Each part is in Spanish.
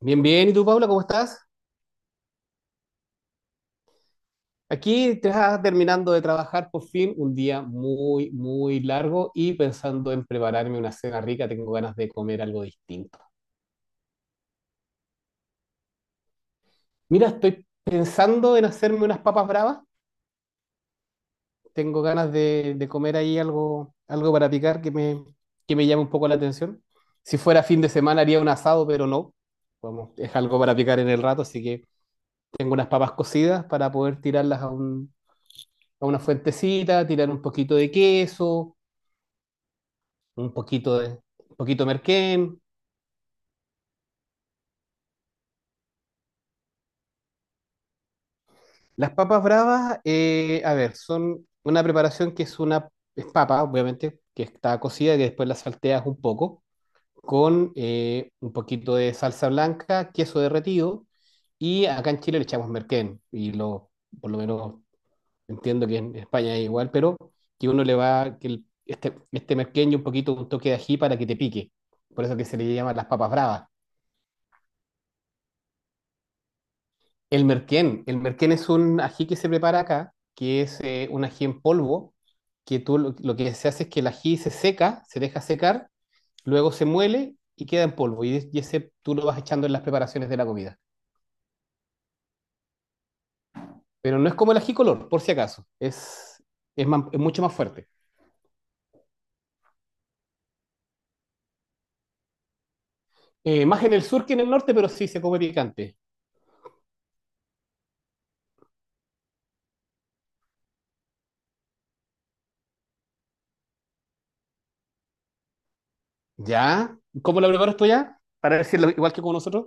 Bien. ¿Y tú, Paula, cómo estás? Aquí te estás terminando de trabajar por fin, un día muy largo y pensando en prepararme una cena rica, tengo ganas de comer algo distinto. Mira, estoy pensando en hacerme unas papas bravas, tengo ganas de comer ahí algo para picar que me llame un poco la atención. Si fuera fin de semana haría un asado, pero no. Vamos, es algo para picar en el rato, así que tengo unas papas cocidas para poder tirarlas a a una fuentecita, tirar un poquito de queso un poquito de, un poquito de merquén. Las papas bravas, a ver, son una preparación que es una, es papa, obviamente, que está cocida y que después la salteas un poco, con un poquito de salsa blanca, queso derretido, y acá en Chile le echamos merquén, y lo, por lo menos entiendo que en España es igual, pero que uno le va, que este merquén y un poquito un toque de ají para que te pique, por eso que se le llama las papas bravas. El merquén. El merquén es un ají que se prepara acá, que es un ají en polvo, que lo que se hace es que el ají se seca, se deja secar, luego se muele y queda en polvo. Y ese tú lo vas echando en las preparaciones de la comida. Pero no es como el ají color, por si acaso. Es es mucho más fuerte. Más en el sur que en el norte, pero sí se come picante. ¿Ya? ¿Cómo lo preparas tú ya? Para decirlo igual que con nosotros.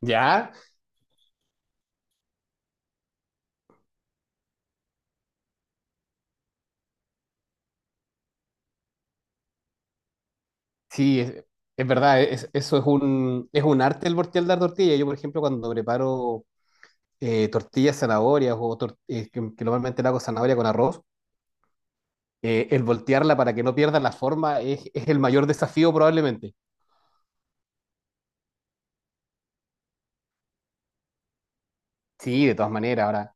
¿Ya? Sí, es verdad, eso es es un arte el voltear la tortilla. Yo, por ejemplo, cuando preparo tortillas zanahorias o que normalmente la hago zanahoria con arroz, el voltearla para que no pierda la forma es el mayor desafío probablemente. Sí, de todas maneras, ahora.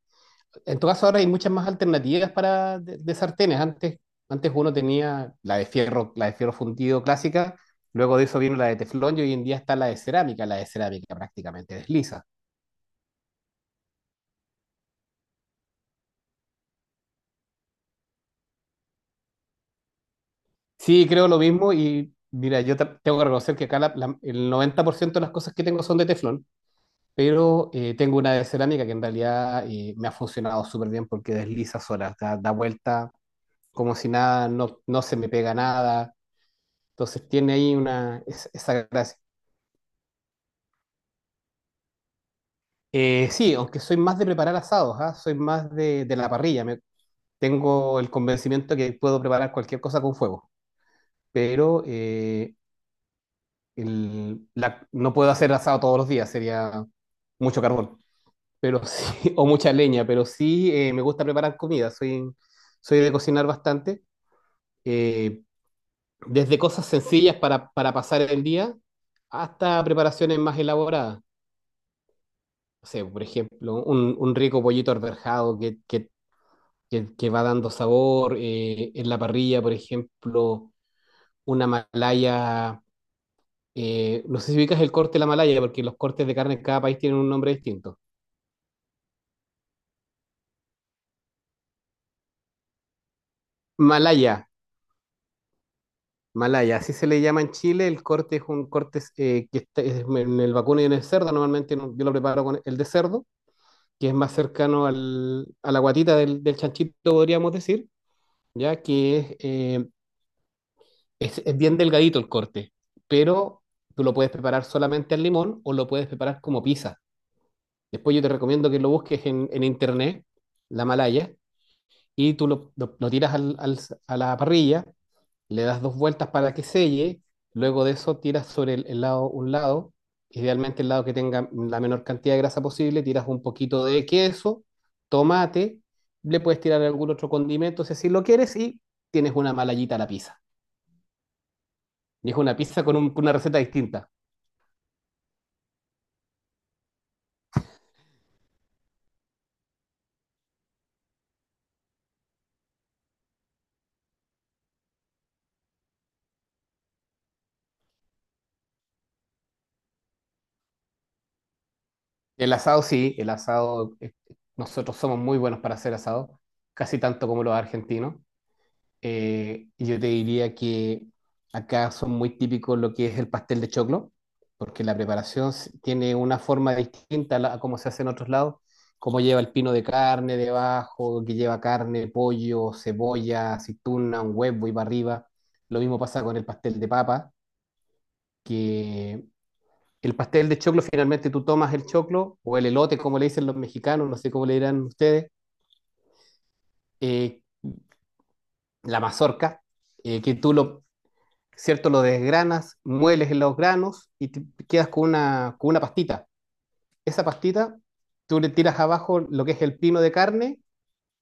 En todo caso, ahora hay muchas más alternativas para de sartenes. Antes uno tenía la de fierro fundido clásica, luego de eso vino la de teflón y hoy en día está la de cerámica prácticamente desliza. Sí, creo lo mismo y mira, yo tengo que reconocer que acá el 90% de las cosas que tengo son de teflón, pero tengo una de cerámica que en realidad me ha funcionado súper bien porque desliza sola, da vuelta como si nada, no se me pega nada, entonces tiene ahí una, esa gracia. Sí, aunque soy más de preparar asados, ¿ah? Soy más de la parrilla, tengo el convencimiento que puedo preparar cualquier cosa con fuego, pero... no puedo hacer asado todos los días, sería mucho carbón, pero sí, o mucha leña, pero sí me gusta preparar comida, soy, soy de cocinar bastante, eh, desde cosas sencillas para pasar el día hasta preparaciones más elaboradas. O sea, por ejemplo, un rico pollito arberjado que va dando sabor, en la parrilla, por ejemplo, una malaya, no sé si ubicas el corte de la malaya, porque los cortes de carne en cada país tienen un nombre distinto. Malaya, Malaya, así se le llama en Chile. El corte es un corte que está es en el vacuno y en el cerdo. Normalmente yo lo preparo con el de cerdo, que es más cercano a la guatita del chanchito, podríamos decir, ya que es, es bien delgadito el corte, pero tú lo puedes preparar solamente al limón o lo puedes preparar como pizza. Después yo te recomiendo que lo busques en internet, la Malaya, y tú lo tiras a la parrilla, le das dos vueltas para que selle, luego de eso tiras sobre el lado, un lado, idealmente el lado que tenga la menor cantidad de grasa posible, tiras un poquito de queso, tomate, le puedes tirar algún otro condimento si así lo quieres y tienes una malayita a la pizza. Y es una pizza con, con una receta distinta. El asado sí, el asado, nosotros somos muy buenos para hacer asado, casi tanto como los argentinos. Yo te diría que acá son muy típicos lo que es el pastel de choclo, porque la preparación tiene una forma distinta a cómo se hace en otros lados, como lleva el pino de carne debajo, que lleva carne, pollo, cebolla, aceituna, un huevo y para arriba. Lo mismo pasa con el pastel de papa, que el pastel de choclo finalmente tú tomas el choclo o el elote, como le dicen los mexicanos, no sé cómo le dirán ustedes, eh, la mazorca que tú lo, ¿cierto? Lo desgranas, mueles en los granos y te quedas con una pastita. Esa pastita, tú le tiras abajo lo que es el pino de carne,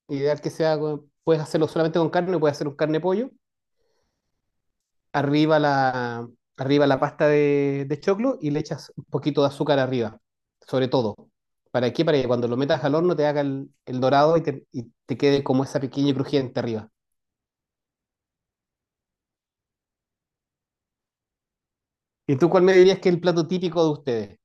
ideal que sea, puedes hacerlo solamente con carne, puedes hacer un carne pollo, arriba la, arriba la pasta de choclo y le echas un poquito de azúcar arriba, sobre todo. ¿Para qué? Para que cuando lo metas al horno te haga el dorado y y te quede como esa pequeña y crujiente arriba. ¿Y tú cuál me dirías que es el plato típico de ustedes?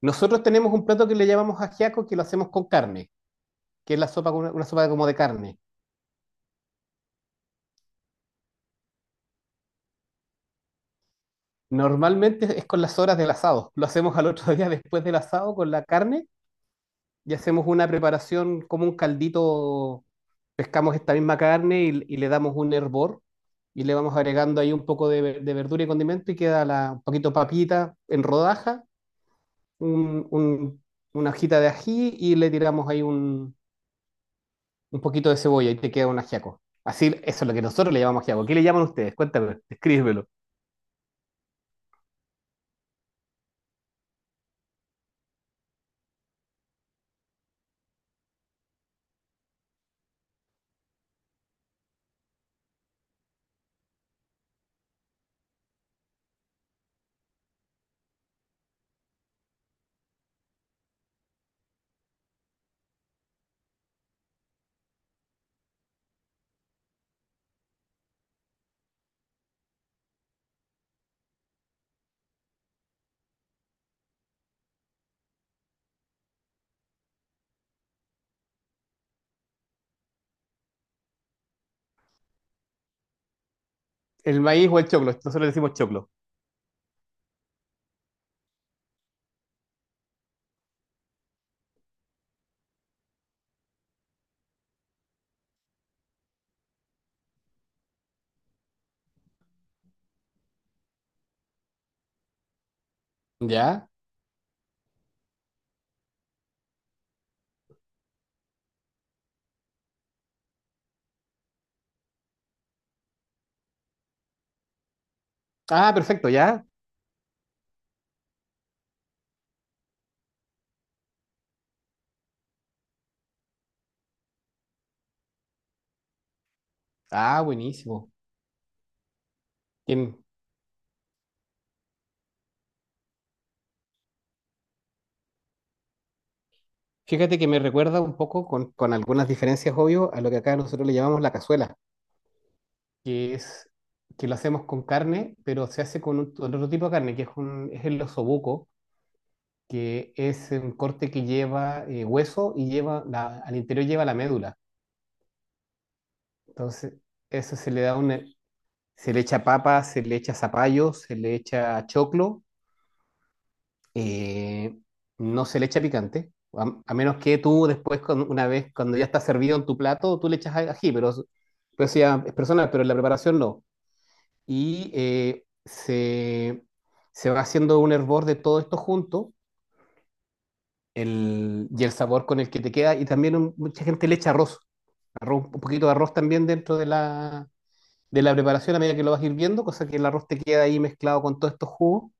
Nosotros tenemos un plato que le llamamos ajiaco que lo hacemos con carne, que es la sopa, con una sopa como de carne. Normalmente es con las horas del asado. Lo hacemos al otro día después del asado con la carne y hacemos una preparación como un caldito. Pescamos esta misma carne y le damos un hervor y le vamos agregando ahí un poco de verdura y condimento y queda la, un poquito papita en rodaja, un- un- una hojita de ají y le tiramos ahí un poquito de cebolla y te queda un ajiaco. Así, eso es lo que nosotros le llamamos ajiaco. ¿Qué le llaman ustedes? Cuéntame, escríbelo. El maíz o el choclo, nosotros le decimos choclo. ¿Ya? Ah, perfecto, ya. Ah, buenísimo. Bien. Fíjate que me recuerda un poco, con algunas diferencias, obvio, a lo que acá nosotros le llamamos la cazuela, que es que lo hacemos con carne, pero se hace con, con otro tipo de carne, que es, es el osobuco, que es un corte que lleva hueso y lleva al interior lleva la médula. Entonces, eso se le da una, se le echa papa, se le echa zapallo, se le echa choclo eh, no se le echa picante, a menos que tú después, una vez cuando ya está servido en tu plato, tú le echas ají, pero eso ya es personal, pero en la preparación no. Y se va haciendo un hervor de todo esto junto, y el sabor con el que te queda. Y también mucha gente le echa arroz, un poquito de arroz también dentro de la preparación a medida que lo vas hirviendo, cosa que el arroz te queda ahí mezclado con todos estos jugos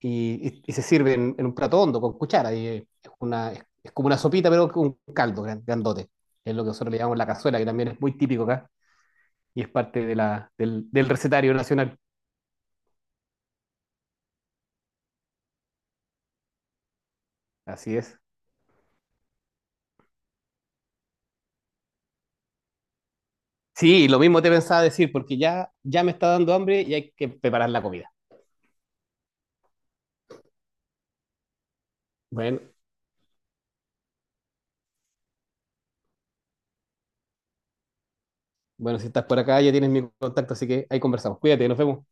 y se sirve en un plato hondo, con cuchara. Y es como una sopita, pero con un caldo grandote. Es lo que nosotros le llamamos la cazuela, que también es muy típico acá y es parte de del recetario nacional. Así es. Sí, lo mismo te pensaba decir, porque ya me está dando hambre y hay que preparar la comida. Bueno, bueno, si estás por acá ya tienes mi contacto, así que ahí conversamos. Cuídate, nos vemos.